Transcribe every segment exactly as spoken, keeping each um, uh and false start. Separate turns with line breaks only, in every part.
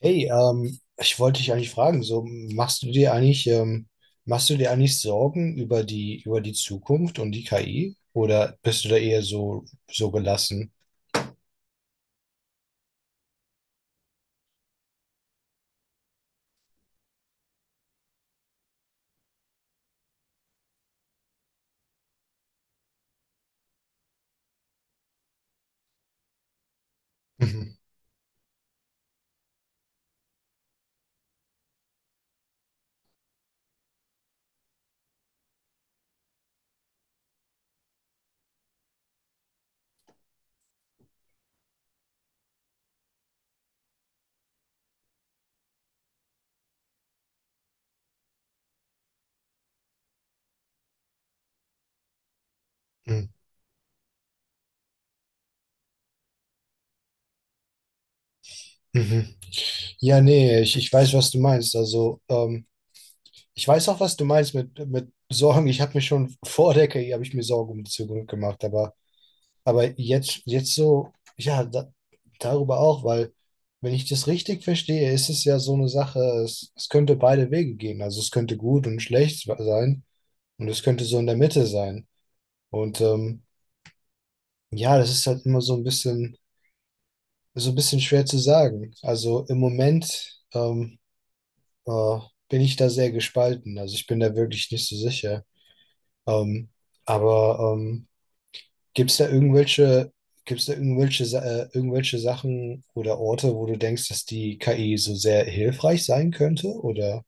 Hey, ähm, ich wollte dich eigentlich fragen, so machst du dir eigentlich, ähm, machst du dir eigentlich Sorgen über die, über die Zukunft und die K I? Oder bist du da eher so, so gelassen? Mhm. Mhm. Mhm. Ja, nee, ich, ich weiß, was du meinst. Also, ähm, ich weiß auch, was du meinst mit, mit Sorgen. Ich habe mir schon vor der K I habe ich mir Sorgen um die Zukunft gemacht, aber, aber jetzt, jetzt so, ja, da, darüber auch, weil wenn ich das richtig verstehe, ist es ja so eine Sache, es, es könnte beide Wege gehen. Also es könnte gut und schlecht sein und es könnte so in der Mitte sein. Und ähm, ja, das ist halt immer so ein bisschen, so ein bisschen schwer zu sagen. Also im Moment ähm, äh, bin ich da sehr gespalten. Also ich bin da wirklich nicht so sicher. Ähm, aber ähm, gibt es da irgendwelche, gibt's da irgendwelche, Sa- äh, irgendwelche Sachen oder Orte, wo du denkst, dass die K I so sehr hilfreich sein könnte? Oder?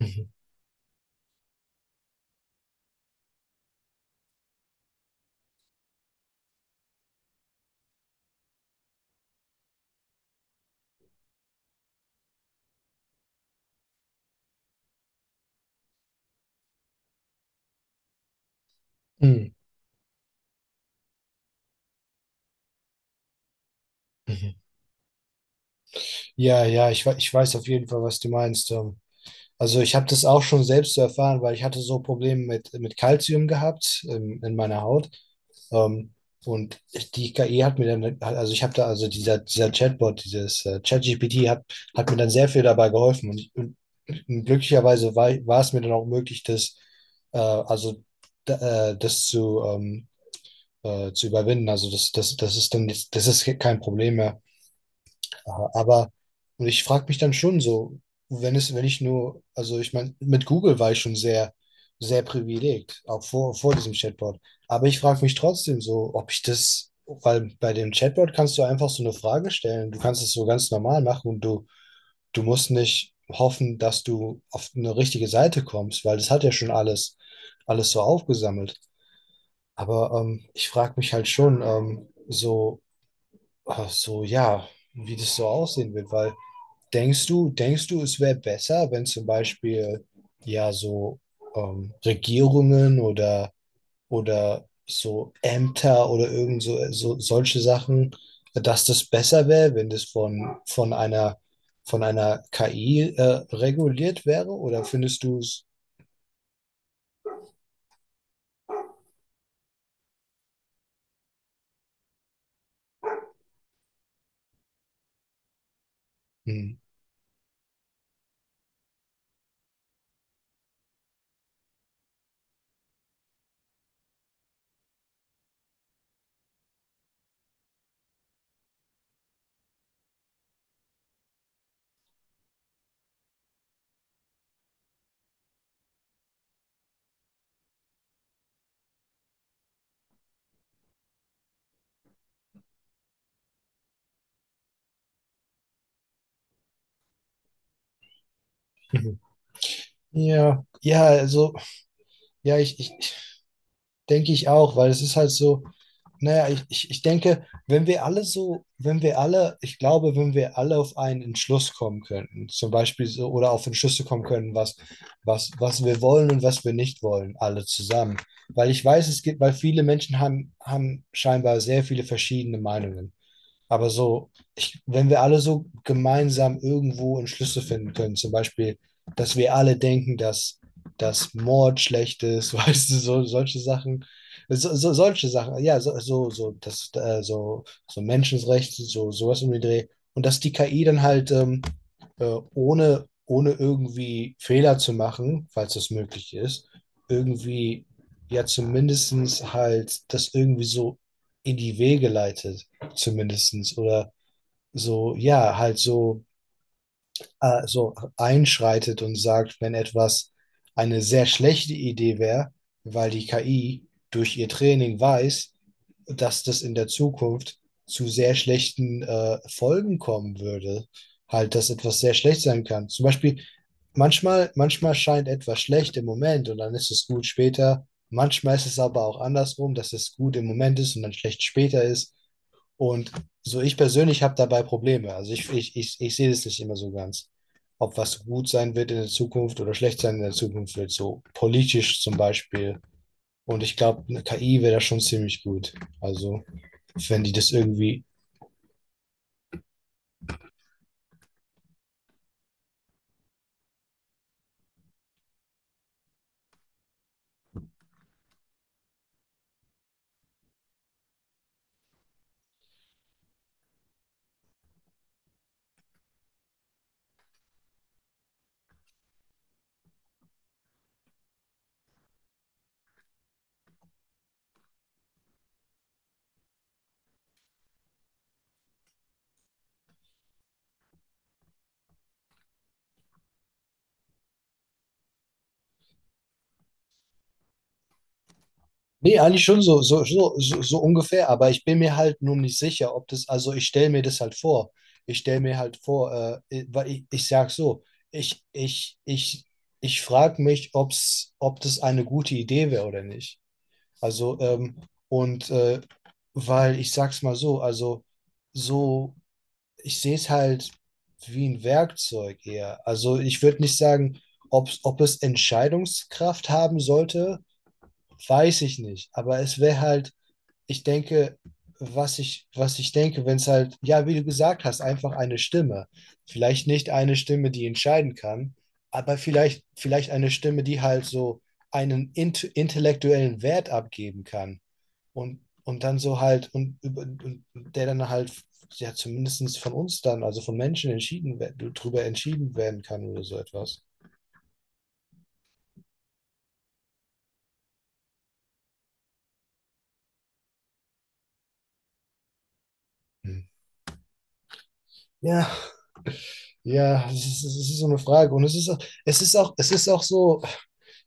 Mhm. Mhm. Mhm. Ja, ja, ich, we- ich weiß auf jeden Fall, was du meinst. Ähm, Also ich habe das auch schon selbst zu erfahren, weil ich hatte so Probleme mit, mit Kalzium gehabt ähm, in meiner Haut. Ähm, und die K I hat mir dann, hat- also ich habe da, also dieser, dieser Chatbot, dieses äh, ChatGPT hat, hat mir dann sehr viel dabei geholfen. Und, ich- glücklicherweise war, war es mir dann auch möglich, das, äh, also, d- äh, das zu ähm, äh, zu überwinden. Also das, das, das ist dann, jetzt- das ist kein Problem mehr. Ja, aber und ich frage mich dann schon so, wenn es, wenn ich nur, also ich meine, mit Google war ich schon sehr, sehr privilegiert, auch vor, vor diesem Chatbot. Aber ich frage mich trotzdem so, ob ich das, weil bei dem Chatbot kannst du einfach so eine Frage stellen. Du kannst es so ganz normal machen und du, du musst nicht hoffen, dass du auf eine richtige Seite kommst, weil das hat ja schon alles, alles so aufgesammelt. Aber ähm, ich frage mich halt schon ähm, so, äh, so, ja, wie das so aussehen wird, weil Denkst du, denkst du, es wäre besser, wenn zum Beispiel ja so ähm, Regierungen oder oder so Ämter oder irgend so, so solche Sachen, dass das besser wäre, wenn das von von einer von einer K I äh, reguliert wäre? Oder findest du es? Hm. Ja, ja, also, ja, ich, ich ich- denke ich auch, weil es ist halt so, naja, ich, ich, ich denke, wenn wir alle so, wenn wir alle, ich glaube, wenn wir alle auf einen Entschluss kommen könnten, zum Beispiel so, oder auf Entschlüsse kommen können, was, was, was wir wollen und was wir nicht wollen, alle zusammen. Weil ich weiß, es gibt, weil viele Menschen haben, haben scheinbar sehr viele verschiedene Meinungen. Aber so, ich, wenn wir alle so gemeinsam irgendwo einen Schlüssel finden können, zum Beispiel, dass wir alle denken, dass, dass Mord schlecht ist, weißt du, so, solche Sachen, so, so, solche Sachen, ja, so, so, so, das, äh, so, so Menschenrechte, so, sowas um den Dreh. Und dass die K I dann halt ähm, äh, ohne, ohne irgendwie Fehler zu machen, falls das möglich ist, irgendwie ja zumindestens halt das irgendwie so in die Wege leitet zumindestens oder so, ja, halt so, äh, so einschreitet und sagt, wenn etwas eine sehr schlechte Idee wäre, weil die K I durch ihr Training weiß, dass das in der Zukunft zu sehr schlechten äh, Folgen kommen würde. Halt, dass etwas sehr schlecht sein kann. Zum Beispiel, manchmal, manchmal scheint etwas schlecht im Moment und dann ist es gut später. Manchmal ist es aber auch andersrum, dass es gut im Moment ist und dann schlecht später ist. Und so ich persönlich habe dabei Probleme. Also ich, ich, ich, ich sehe das nicht immer so ganz. Ob was gut sein wird in der Zukunft oder schlecht sein in der Zukunft wird, so politisch zum Beispiel. Und ich glaube, eine K I wäre da schon ziemlich gut. Also, wenn die das irgendwie. Nee, eigentlich schon so, so, so, so, so ungefähr, aber ich bin mir halt nur nicht sicher, ob das, also ich stelle mir das halt vor. Ich stelle mir halt vor, äh, weil ich, ich sag so, ich, ich, ich, ich frage mich, ob's, ob das eine gute Idee wäre oder nicht. Also, ähm, und äh, weil ich sag's mal so, also so, ich sehe es halt wie ein Werkzeug eher. Also ich würde nicht sagen, ob ob es Entscheidungskraft haben sollte, weiß ich nicht. Aber es wäre halt, ich denke, was ich, was ich denke, wenn es halt, ja, wie du gesagt hast, einfach eine Stimme. Vielleicht nicht eine Stimme, die entscheiden kann, aber vielleicht, vielleicht eine Stimme, die halt so einen int intellektuellen Wert abgeben kann. Und, und dann so halt, und, über- und der dann halt, ja, zumindest von uns dann, also von Menschen entschieden, we- drüber entschieden werden kann oder so etwas. Hm. Ja, ja, es ist, es ist so eine Frage. Und es ist, auch- es ist auch, es ist auch so,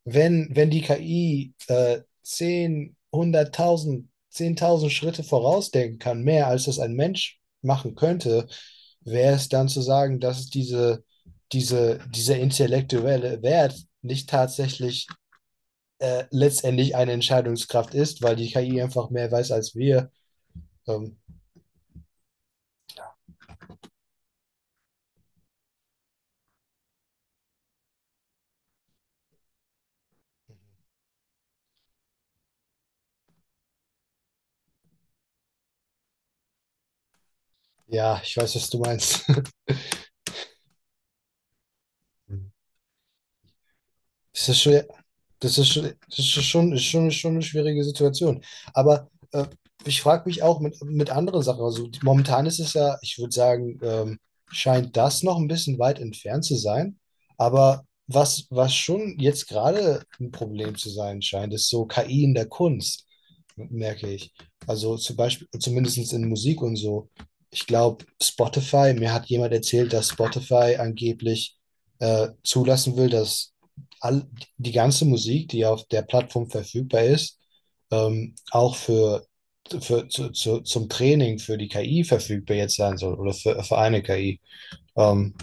wenn, wenn die K I äh, zehn, hunderttausend, zehntausend Schritte vorausdenken kann, mehr als das ein Mensch machen könnte, wäre es dann zu sagen, dass es diese, diese, dieser intellektuelle Wert nicht tatsächlich äh, letztendlich eine Entscheidungskraft ist, weil die K I einfach mehr weiß als wir. Ähm, ja, ich weiß, was du meinst. Das ist schwer. Das ist, schon- das ist schon, ist schon, ist schon eine schwierige Situation. Aber äh, ich frage mich auch mit, mit anderen Sachen. Also die- momentan ist es ja, ich würde sagen, ähm, scheint das noch ein bisschen weit entfernt zu sein. Aber was, was schon jetzt gerade ein Problem zu sein scheint, ist so K I in der Kunst. Merke ich. Also zum Beispiel, zumindest in Musik und so. Ich glaube, Spotify, mir hat jemand erzählt, dass Spotify angeblich äh, zulassen will, dass all, die ganze Musik, die auf der Plattform verfügbar ist, ähm, auch für, für zu, zu, zum Training für die K I verfügbar jetzt sein soll oder für, für eine K I. Ähm,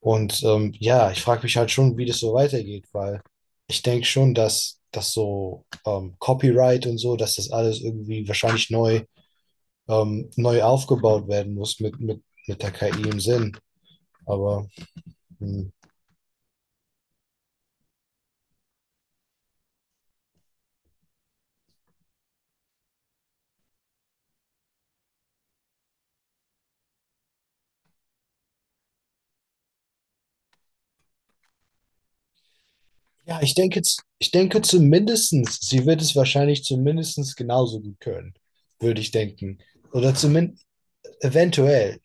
und ähm, ja, ich frage mich halt schon, wie das so weitergeht, weil ich denke schon, dass das so ähm, Copyright und so, dass das alles irgendwie wahrscheinlich neu, ähm, neu aufgebaut werden muss mit, mit, mit der K I im Sinn. Aber hm, ja, ich denke, z- ich denke zumindestens, sie wird es wahrscheinlich zumindestens genauso gut können, würde ich denken. Oder zumindest eventuell.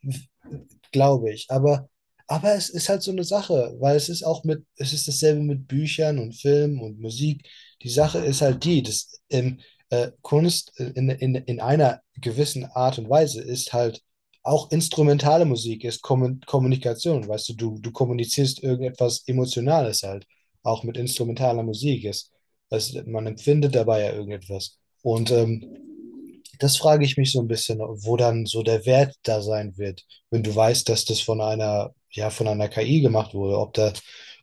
Glaube ich. Aber, aber es ist halt so eine Sache, weil es ist auch mit, es ist dasselbe mit Büchern und Filmen und Musik. Die Sache ist halt die, dass ähm, äh, Kunst äh, in, in, in einer gewissen Art und Weise ist halt auch instrumentale Musik, ist Kommun Kommunikation. Weißt du, du, du kommunizierst irgendetwas Emotionales halt, auch mit instrumentaler Musik ist. Also man empfindet dabei ja irgendetwas. Und ähm, das frage ich mich so ein bisschen, wo dann so der Wert da sein wird, wenn du weißt, dass das von einer, ja, von einer K I gemacht wurde, ob da,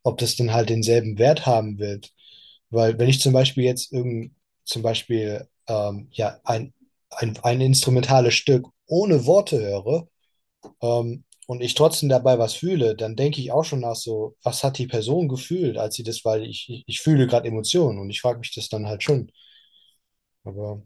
ob das dann halt denselben Wert haben wird. Weil wenn ich zum Beispiel jetzt irgend, zum Beispiel ähm, ja, ein, ein, ein instrumentales Stück ohne Worte höre ähm, und ich trotzdem dabei was fühle, dann denke ich auch schon nach so, was hat die Person gefühlt, als sie das, weil ich, ich, ich fühle gerade Emotionen und ich frage mich das dann halt schon. Aber